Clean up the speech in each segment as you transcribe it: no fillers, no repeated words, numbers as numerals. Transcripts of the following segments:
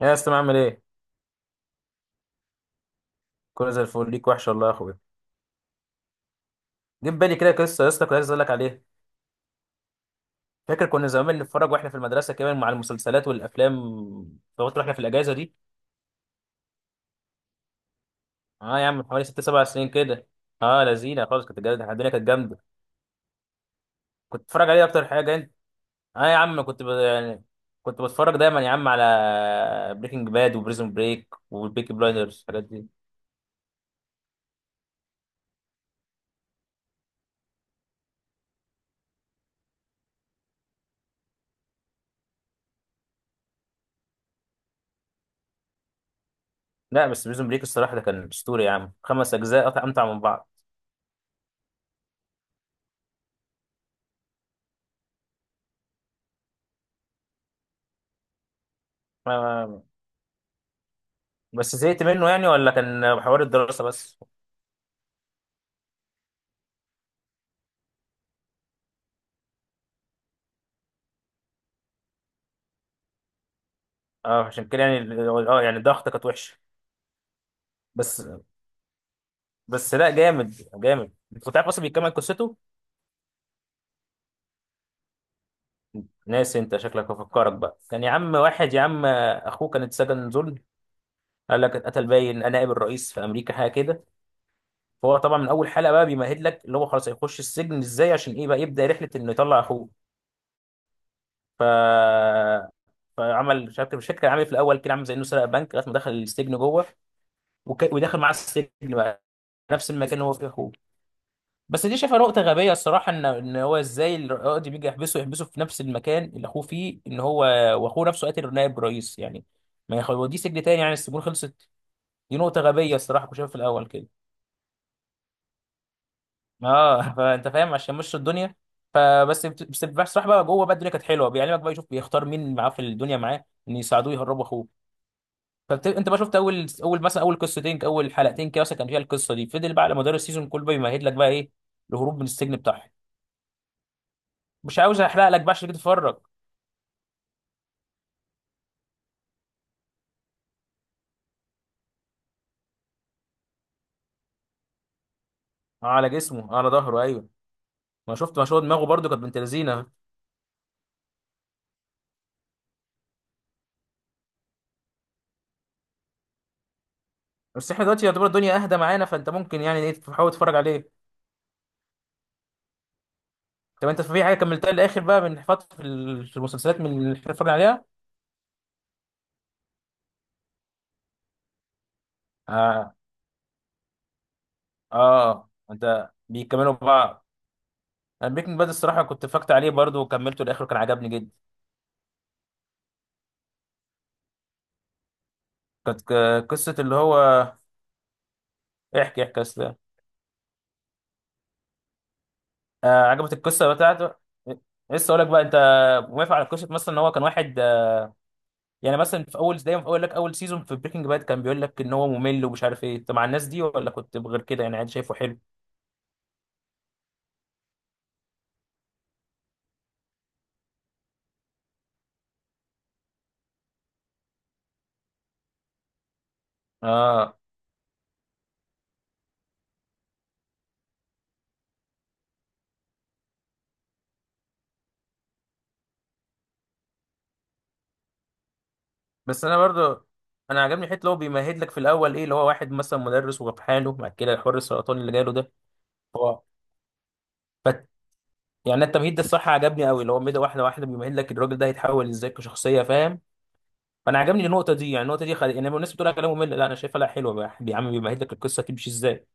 يا اسطى عامل ايه؟ كله زي الفل. ليك وحش والله يا اخويا. جه في بالي كده قصه يا اسطى، كنت عايز اقول لك عليها. فاكر كنا زمان بنتفرج واحنا في المدرسه كمان مع المسلسلات والافلام؟ فقلت احنا في الاجازه دي، اه يا عم، من حوالي ست سبع سنين كده. اه لذينه خالص، كانت جامده الدنيا، كانت جامده. كنت بتتفرج عليه اكتر حاجه انت؟ اه يا عم كنت يعني كنت بتفرج دايما يا عم على بريكنج باد وبريزون بريك والبيكي بلايندرز الحاجات دي. لا بس بريزون بريك الصراحه ده كان اسطوري يا عم، خمس اجزاء امتع من بعض. ما- بس زهقت منه يعني، ولا كان حوار الدراسه بس؟ اه عشان كده يعني. اه يعني ضغطة كانت وحشه بس. بس لا جامد، جامد. انت كنت عارف اصلا بيكمل قصته؟ ناسي انت، شكلك هفكرك بقى. كان يا عم واحد يا عم اخوه كان اتسجن ظلم، قال لك اتقتل باين نائب الرئيس في امريكا حاجه كده. فهو طبعا من اول حلقه بقى بيمهد لك اللي هو خلاص هيخش السجن ازاي، عشان ايه بقى يبدا رحله انه يطلع اخوه. ف فعمل مش عارف، مش فاكر كان عامل إيه في الاول، كده عامل زي انه سرق بنك لغايه ما دخل السجن جوه. ودخل معاه السجن بقى، نفس المكان اللي هو فيه اخوه. بس دي شايفها نقطة غبية الصراحة، ان هو ازاي القاضي بيجي يحبسه، يحبسه في نفس المكان اللي اخوه فيه، ان هو واخوه نفسه قاتل نائب رئيس يعني. ما يخلوديه سجن تاني يعني، السجون خلصت؟ دي نقطة غبية الصراحة كنت شايفها في الأول كده. اه فأنت فاهم عشان مشوا الدنيا. فبس بت- بس بصراحة بقى جوه بقى الدنيا كانت حلوة، بيعلمك بقى، يشوف بيختار مين معاه في الدنيا معاه ان يساعدوه يهربوا اخوه. فانت بقى شفت اول اول مثلا، اول قصتين اول حلقتين كده مثلا كان فيها القصة دي، فضل بقى على مدار السيزون كله بيمهد لك بقى ايه، الهروب من السجن بتاعهم. مش عاوز احرق لك بقى عشان كده تتفرج. اه على جسمه، آه على ظهره ايوه. ما شفت، ما شو دماغه برضو، كانت بنت لذينه. بس احنا دلوقتي يعتبر الدنيا اهدى معانا، فانت ممكن يعني ايه تحاول تتفرج عليه. طب انت في حاجه كملتها للاخر بقى من فتره، في في المسلسلات من اللي احنا بنتفرج عليها؟ اه اه انت بيكملوا بعض. انا بريكنج باد الصراحه كنت فكت عليه برضو وكملته للاخر، وكان عجبني جدا. كانت قصه اللي هو، احكي احكي اصلا. آه عجبت القصه بتاعته. إيه، لسه اقول لك بقى انت موافق على قصه مثلا ان هو كان واحد، يعني مثلا في اول دايما، في اول لك اول سيزون في بريكنج باد كان بيقول لك ان هو ممل ومش عارف ايه، انت مع الناس دي ولا كنت غير كده؟ يعني عادي شايفه حلو؟ اه بس انا برضه، انا عجبني حته اللي هو بيمهد لك في الاول ايه، اللي هو واحد مثلا مدرس وفي حاله بعد كده حوار السرطان اللي جاله ده. هو ف يعني التمهيد ده الصراحه عجبني قوي، اللي هو مدى واحده واحده بيمهد لك الراجل ده هيتحول ازاي كشخصيه، فاهم؟ فانا عجبني النقطه دي، يعني النقطه دي يعني الناس بتقول لك كلام ممل، لا انا شايفها لا حلوه بقى. يا عم بيمهد لك القصه تمشي ازاي.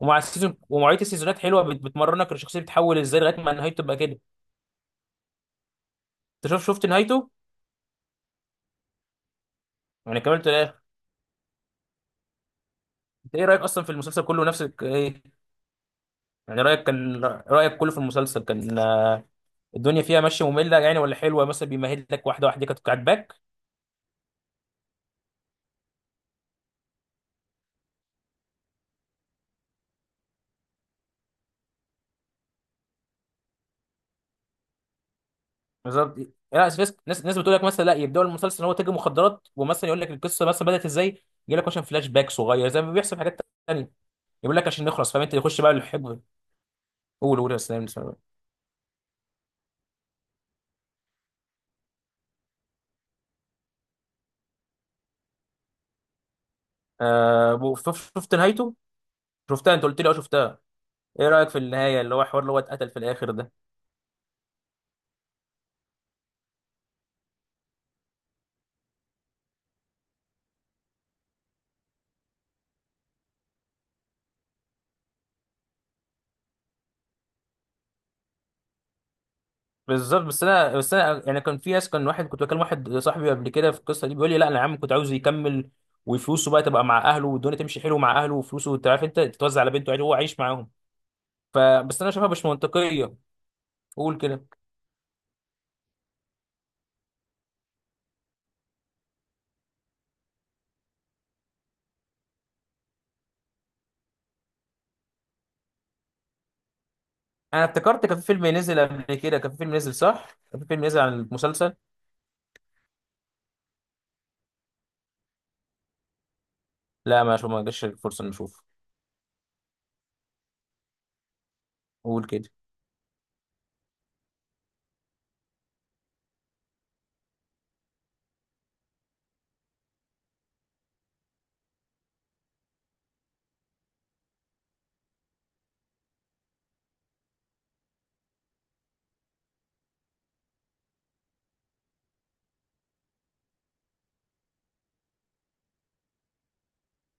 ومع السيزون ومواعيد السيزونات حلوه، بتمرنك الشخصيه بتتحول ازاي لغايه ما نهايته تبقى كده. انت شوف، شفت نهايته؟ يعني كملت الاخر؟ انت ايه رايك اصلا في المسلسل كله، نفسك ايه؟ يعني رايك كان، رايك كله في المسلسل كان آه، الدنيا فيها ماشيه ممله يعني ولا حلوه، مثلا بيمهد لك واحده واحده كانت عاجباك؟ بالظبط. لا ناس، ناس ناس بتقول لك مثلا لا يبداوا المسلسل ان هو تاجر مخدرات ومثلا يقول لك القصه مثلا بدات ازاي، يجي لك مثلا فلاش باك صغير زي ما بيحصل في حاجات تانيه. يقول لك عشان نخلص، فاهم انت، يخش بقى الحب. قول قول، يا سلام سلام. آه شفت نهايته؟ شفتها، انت قلت لي اه شفتها. ايه رايك في النهايه اللي هو حوار اللي هو اتقتل في الاخر ده؟ بالظبط، بس انا، يعني كان في ناس، كان واحد كنت بكلم واحد صاحبي قبل كده في القصه دي، بيقول لي لا انا يا عم كنت عاوزه يكمل، وفلوسه بقى تبقى مع اهله والدنيا تمشي حلو مع اهله وفلوسه، انت عارف انت، تتوزع على بنته عادي وهو عايش معاهم. فبس انا شايفها مش منطقيه. قول كده. انا افتكرت كان في فيلم نزل قبل كده، كان في فيلم نزل صح، كان في فيلم نزل عن المسلسل. لا ما شو، ما جاش الفرصه نشوفه. قول كده.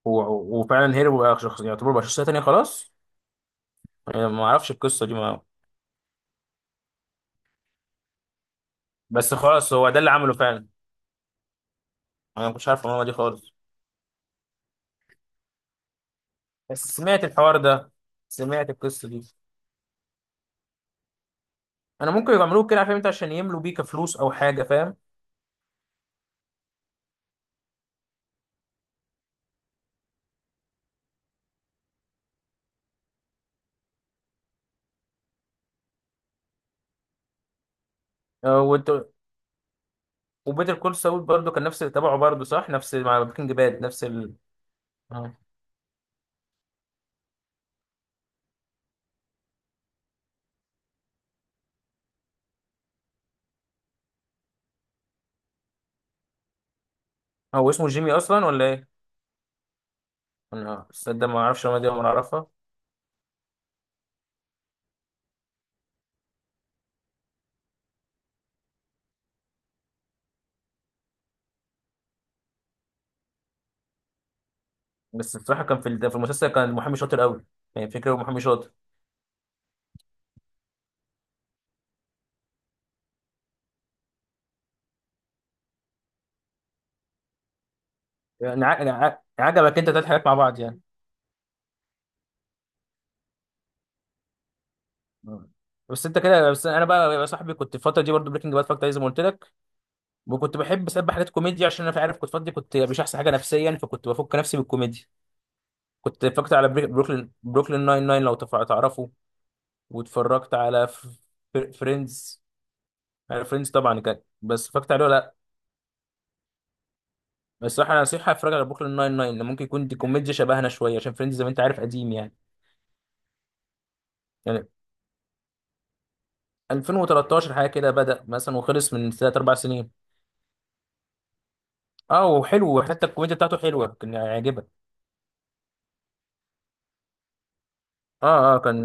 وفعلا هيرو بقى شخص، يعتبر بقى شخصيه تانيه خلاص. يعني ما اعرفش القصه دي، ما بس خلاص هو ده اللي عمله فعلا. انا ما كنتش عارف المعلومه دي خالص، بس سمعت الحوار ده، سمعت القصه دي. انا ممكن يعملوه كده، عارف انت، عشان يملوا بيه كفلوس او حاجه، فاهم. آه، وانت. وبيتر كول ساول برضه كان نفس اللي تبعه برضه صح، نفس مع بريكنج باد نفس ال... آه. هو اسمه جيمي اصلا ولا ايه؟ انا صدق ما اعرفش المعلومة دي ولا اعرفها. بس بصراحه كان في في المسلسل كان محامي شاطر قوي، يعني فكره محامي شاطر. يعني يعني عجبك انت تلات حاجات مع بعض يعني. آه. بس انت كده، بس انا بقى يا صاحبي كنت الفتره دي برضه بريكنج باد فاكت زي ما قلت لك، وكنت بحب اسبح حاجات كوميديا عشان انا في، عارف كنت فاضي، كنت مش احسن حاجه نفسيا، فكنت بفك نفسي بالكوميديا. كنت اتفرجت على بروكلين، بروكلين ناين ناين لو تعرفه. واتفرجت على فريندز. على فريندز طبعا كان، بس اتفرجت عليه ولا لا؟ بس الصراحه انا نصيحه اتفرج على بروكلين ناين ناين، لأن ممكن يكون دي كوميديا شبهنا شويه، عشان فريندز زي ما انت عارف قديم يعني. يعني 2013 حاجه كده بدأ مثلا، وخلص من ثلاث اربع سنين. اه وحلو، وحتى الكوميديا بتاعته حلوه كان يعجبك. اه اه كان.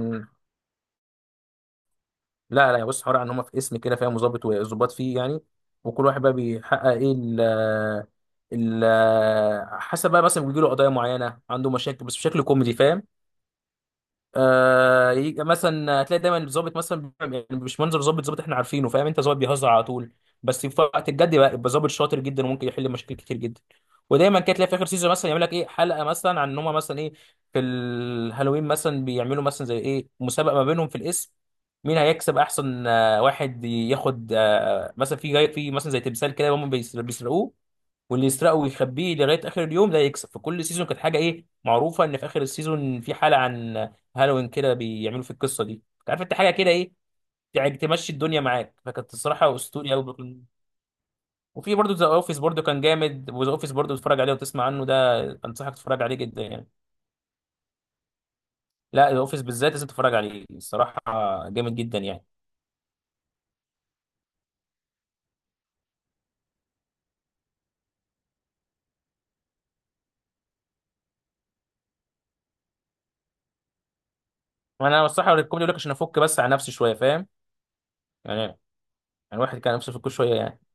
لا لا بص، حوار ان هم في اسم كده فاهم، وظابط وظباط فيه يعني، وكل واحد بقى بيحقق ايه، ال ال حسب بقى، مثلا بيجي له قضايا معينه، عنده مشاكل، بس بشكل كوميدي فاهم. آه، يجي مثلا هتلاقي دايما الظابط مثلا يعني مش منظر ظابط، ظابط احنا عارفينه فاهم انت، ظابط بيهزر على طول، بس في وقت الجد بقى يبقى ظابط شاطر جدا وممكن يحل مشاكل كتير جدا. ودايما كده تلاقي في اخر سيزون مثلا يعمل لك ايه، حلقه مثلا عن ان هم مثلا ايه، في الهالوين مثلا بيعملوا مثلا زي ايه، مسابقه ما بينهم في الاسم، مين هيكسب احسن آه، واحد ياخد آه، مثلا في جاي في مثلا زي تمثال كده هم بيسرقوه، واللي يسرقه ويخبيه لغايه اخر اليوم ده يكسب. فكل سيزون كانت حاجه ايه معروفه، ان في اخر السيزون في حلقه عن هالوين كده بيعملوا في القصه دي. انت عارف انت، حاجه كده ايه، يعني تمشي الدنيا معاك، فكانت الصراحه اسطوري قوي بروكلين. وفي برضه ذا اوفيس، برضه كان جامد، وذا اوفيس برضه تتفرج عليه وتسمع عنه، ده انصحك تتفرج عليه جدا يعني. لا ذا اوفيس بالذات لازم تتفرج عليه الصراحه، جامد جدا يعني. انا الصراحه الكوميدي لك عشان افك بس على نفسي شويه، فاهم. يعني يعني الواحد كان نفسه يفك شويه يعني.